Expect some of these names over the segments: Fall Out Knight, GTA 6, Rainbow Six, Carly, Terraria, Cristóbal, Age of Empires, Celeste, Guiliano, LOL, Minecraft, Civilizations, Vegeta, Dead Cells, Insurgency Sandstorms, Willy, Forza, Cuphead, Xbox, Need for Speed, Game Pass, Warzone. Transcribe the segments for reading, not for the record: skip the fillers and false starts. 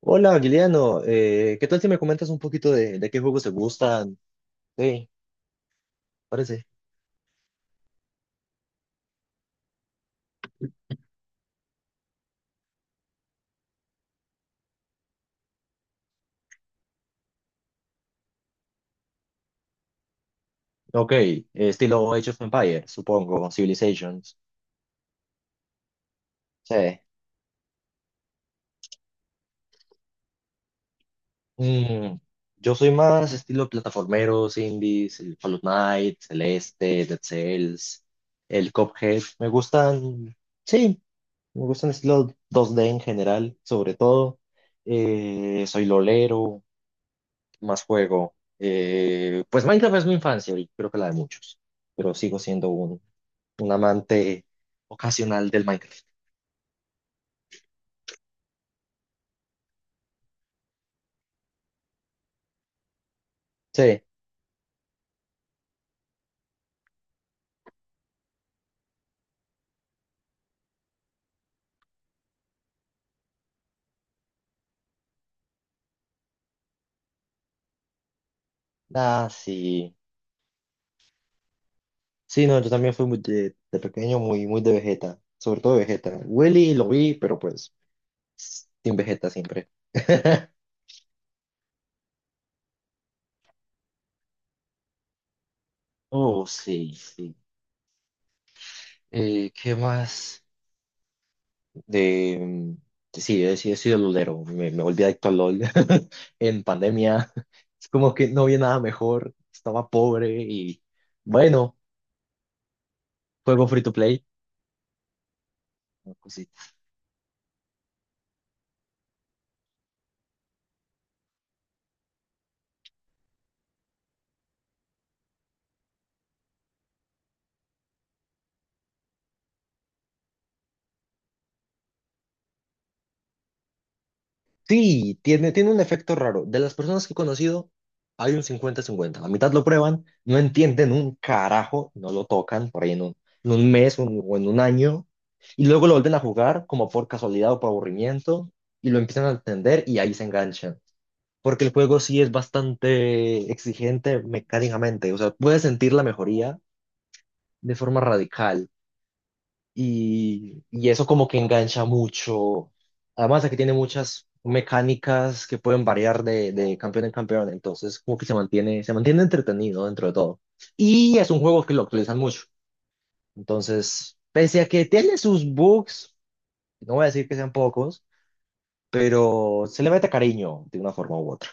Hola, Guiliano. ¿Qué tal si me comentas un poquito de qué juegos te gustan? Sí, parece. Ok, estilo Age of Empires, supongo, Civilizations. Sí. Mm, yo soy más estilo plataformeros, indies, el Fall Out Knight, Celeste, Dead Cells, el Cuphead. Me gustan, sí, me gustan estilo 2D en general, sobre todo. Soy lolero, más juego. Pues Minecraft es mi infancia y creo que la de muchos, pero sigo siendo un amante ocasional del Minecraft. Sí, ah, sí. Sí, no, yo también fui muy de pequeño muy, muy de Vegeta, sobre todo de Vegeta. Willy lo vi, pero pues sin Vegeta siempre. Oh, sí, sí. ¿Qué más? De, sí, he sido lolero, me volví adicto al LOL en pandemia. Es como que no había nada mejor, estaba pobre y bueno, juego free to play. Una cosita. Sí, tiene un efecto raro. De las personas que he conocido, hay un cincuenta-cincuenta. La mitad lo prueban, no entienden un carajo, no lo tocan por ahí en un mes o en 1 año, y luego lo vuelven a jugar como por casualidad o por aburrimiento, y lo empiezan a entender y ahí se enganchan. Porque el juego sí es bastante exigente mecánicamente, o sea, puedes sentir la mejoría de forma radical y eso como que engancha mucho, además de que tiene muchas mecánicas que pueden variar de campeón en campeón, entonces como que se mantiene entretenido dentro de todo. Y es un juego que lo actualizan mucho, entonces, pese a que tiene sus bugs, no voy a decir que sean pocos, pero se le mete cariño de una forma u otra.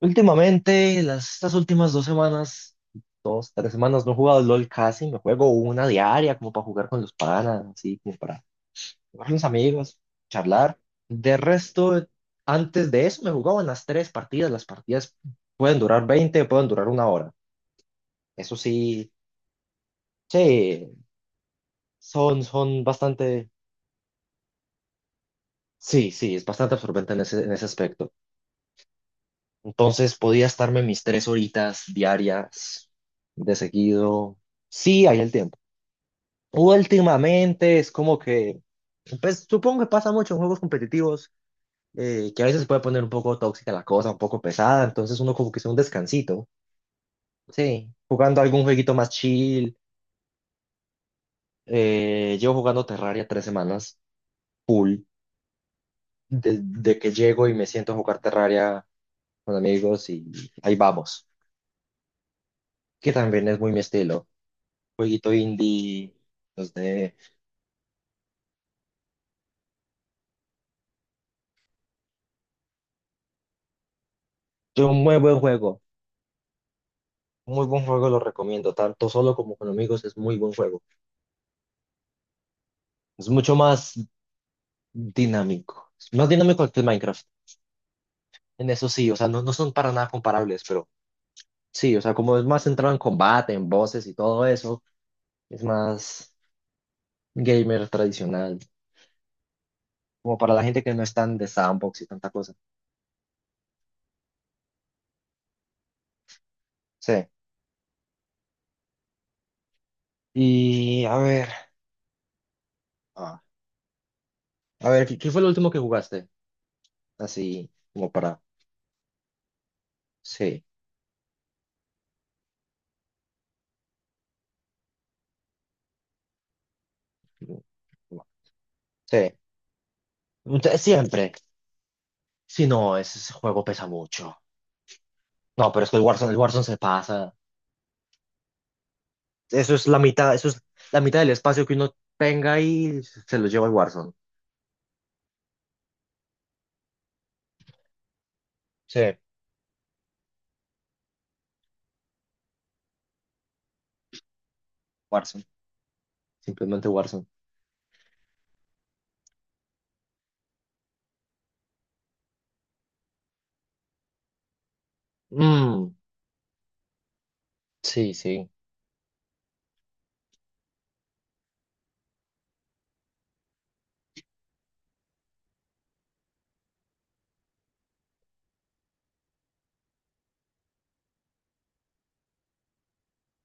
Últimamente, estas últimas 2 semanas, dos, 3 semanas, no he jugado LOL casi, me juego una diaria como para jugar con los panas, así como para jugar con los amigos, charlar. De resto, antes de eso me jugaban las 3 partidas, las partidas pueden durar 20, pueden durar 1 hora. Eso sí, sí, son bastante, sí, sí, es bastante absorbente en ese aspecto. Entonces podía estarme mis 3 horitas diarias de seguido, sí hay el tiempo. Últimamente es como que, pues supongo que pasa mucho en juegos competitivos, que a veces se puede poner un poco tóxica la cosa, un poco pesada, entonces uno como que se da un descansito, sí, jugando algún jueguito más chill. Llevo jugando Terraria 3 semanas, full, desde que llego y me siento a jugar Terraria con amigos y ahí vamos, que también es muy mi estilo, jueguito indie, los de... Es un muy buen juego, lo recomiendo, tanto solo como con amigos es muy buen juego. Es mucho más dinámico. Es más dinámico que el Minecraft. En eso sí, o sea, no, no son para nada comparables, pero sí, o sea, como es más centrado en combate, en voces y todo eso, es más gamer tradicional. Como para la gente que no es tan de sandbox y tanta cosa. Sí. Y a ver, ah, a ver, ¿qué fue lo último que jugaste? Así, como para. Sí. Sí. Siempre. Sí, no, ese juego pesa mucho. No, pero es que el Warzone se pasa. Eso es la mitad del espacio que uno tenga y se lo lleva el Warzone. Sí, Warzone. Simplemente Warzone. Mm, sí, sí,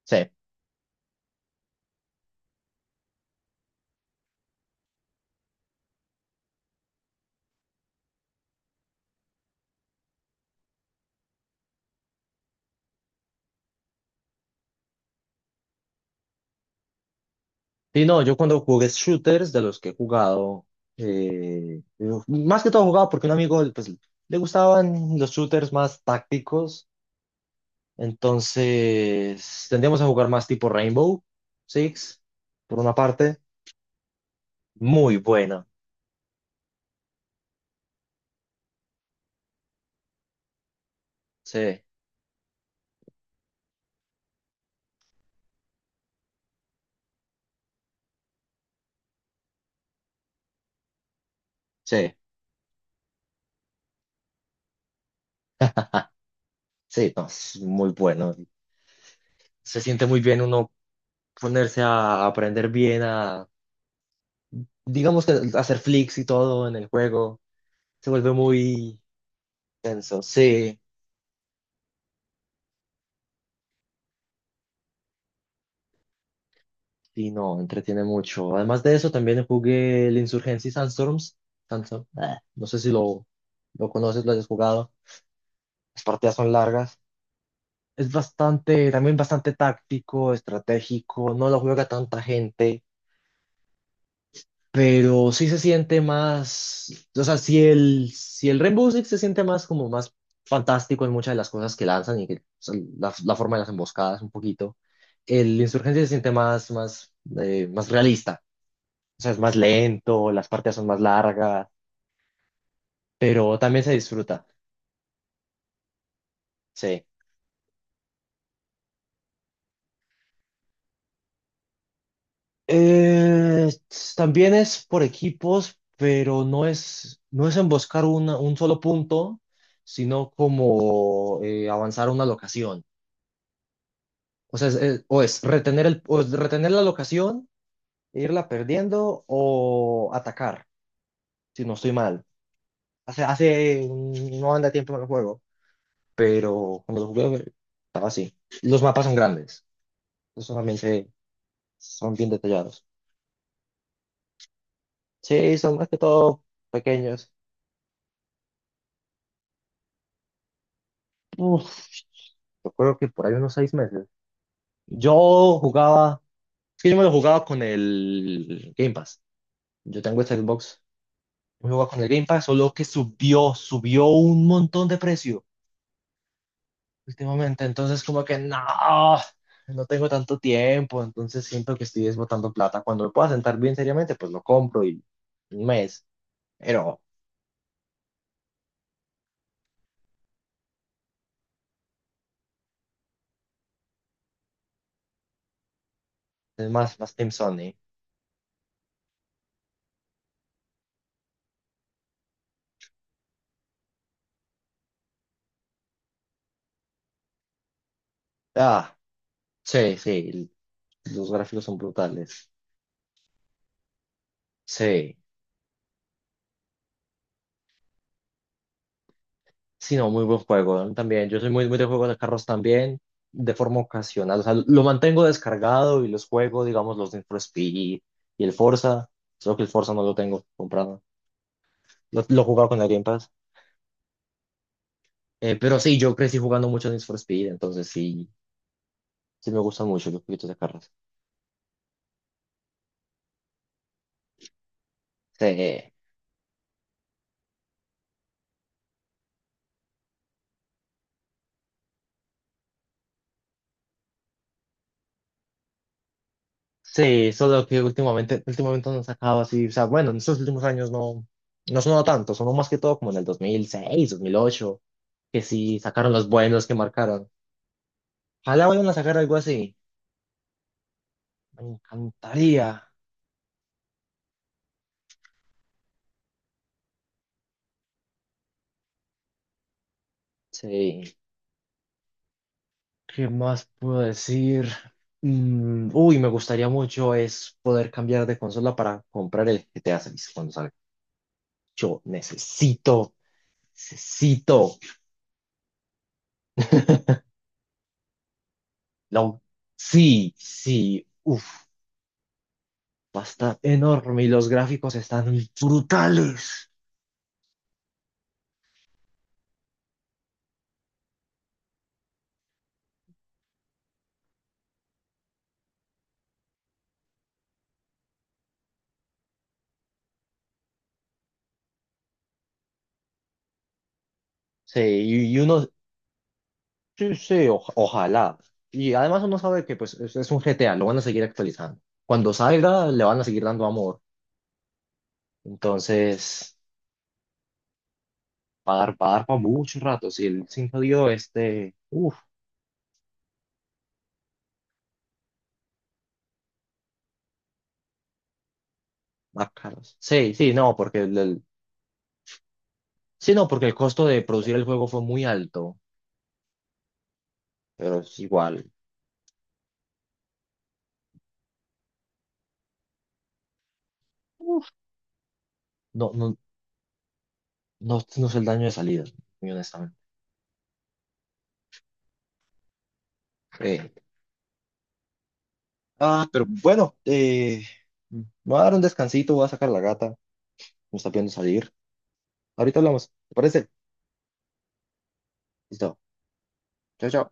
sí. Sí, no, yo cuando jugué shooters de los que he jugado, más que todo jugaba porque un amigo pues, le gustaban los shooters más tácticos, entonces tendíamos a jugar más tipo Rainbow Six, por una parte. Muy buena, sí, sí, sí, no, es muy bueno. Se siente muy bien uno ponerse a aprender bien a, digamos que hacer flicks y todo en el juego, se vuelve muy tenso. Sí, y no, entretiene mucho. Además de eso, también jugué el Insurgency Sandstorms. Sandstorm, no sé si lo conoces, lo hayas jugado. Las partidas son largas. Es bastante, también bastante táctico, estratégico, no lo juega tanta gente. Pero sí se siente más, o sea, si el Rainbow Six se siente más como más fantástico en muchas de las cosas que lanzan y que o sea, la forma de las emboscadas un poquito. El Insurgencia se siente más realista, o sea, es más lento, las partidas son más largas, pero también se disfruta, sí. Eh, También es por equipos, pero no es emboscar un solo punto, sino como avanzar a una locación. O sea, o es retener el, o es retener la locación e irla perdiendo o atacar, si no estoy mal. Hace no anda tiempo en el juego, pero cuando lo jugué estaba así. Los mapas son grandes, eso también se, son bien detallados. Sí, son más que todo pequeños. Uf, yo creo que por ahí unos 6 meses. Yo jugaba, es que yo me lo jugaba con el Game Pass. Yo tengo este Xbox, me jugaba con el Game Pass, solo que subió un montón de precio. Últimamente. Entonces, como que no tengo tanto tiempo, entonces siento que estoy desbotando plata. Cuando me pueda sentar bien seriamente, pues lo compro y 1 mes, pero es más, más Team Sony. Ah, sí, sí, los gráficos son brutales. Sí, sí, no, muy buen juego ¿no? también. Yo soy muy, muy de juegos de carros también, de forma ocasional. O sea, lo mantengo descargado y los juego, digamos, los Need for Speed y el Forza, solo que el Forza no lo tengo comprado. Lo he jugado con alguien. Pero sí, yo crecí jugando mucho Need for Speed, entonces sí, sí me gustan mucho los jueguitos de carros. Sí, sí, solo que últimamente no han sacado así, o sea, bueno, en estos últimos años no sonó tanto, sonó más que todo como en el dos mil seis 2008 que sí sacaron los buenos que marcaron. Ojalá vayan a sacar algo así, me encantaría. Sí, ¿qué más puedo decir? Uy, me gustaría mucho es poder cambiar de consola para comprar el GTA 6 cuando salga. Yo necesito Cito. Lo- sí, sí, uff, está enorme y los gráficos están brutales. Sí, y uno, sí, sí, ojalá. Y además uno sabe que pues es un GTA, lo van a seguir actualizando. Cuando salga, le van a seguir dando amor. Entonces, va a dar para muchos ratos. Y el 5 dio este, uff, más caros. Sí, sí, no, porque sí, no, porque el costo de producir el juego fue muy alto, pero es igual. Uf, no, no, no sé el daño de salida, muy honestamente. Eh, pero bueno, me voy a dar un descansito, voy a sacar la gata, me está pidiendo salir. Ahorita hablamos, ¿te parece? Listo. Chao, chao.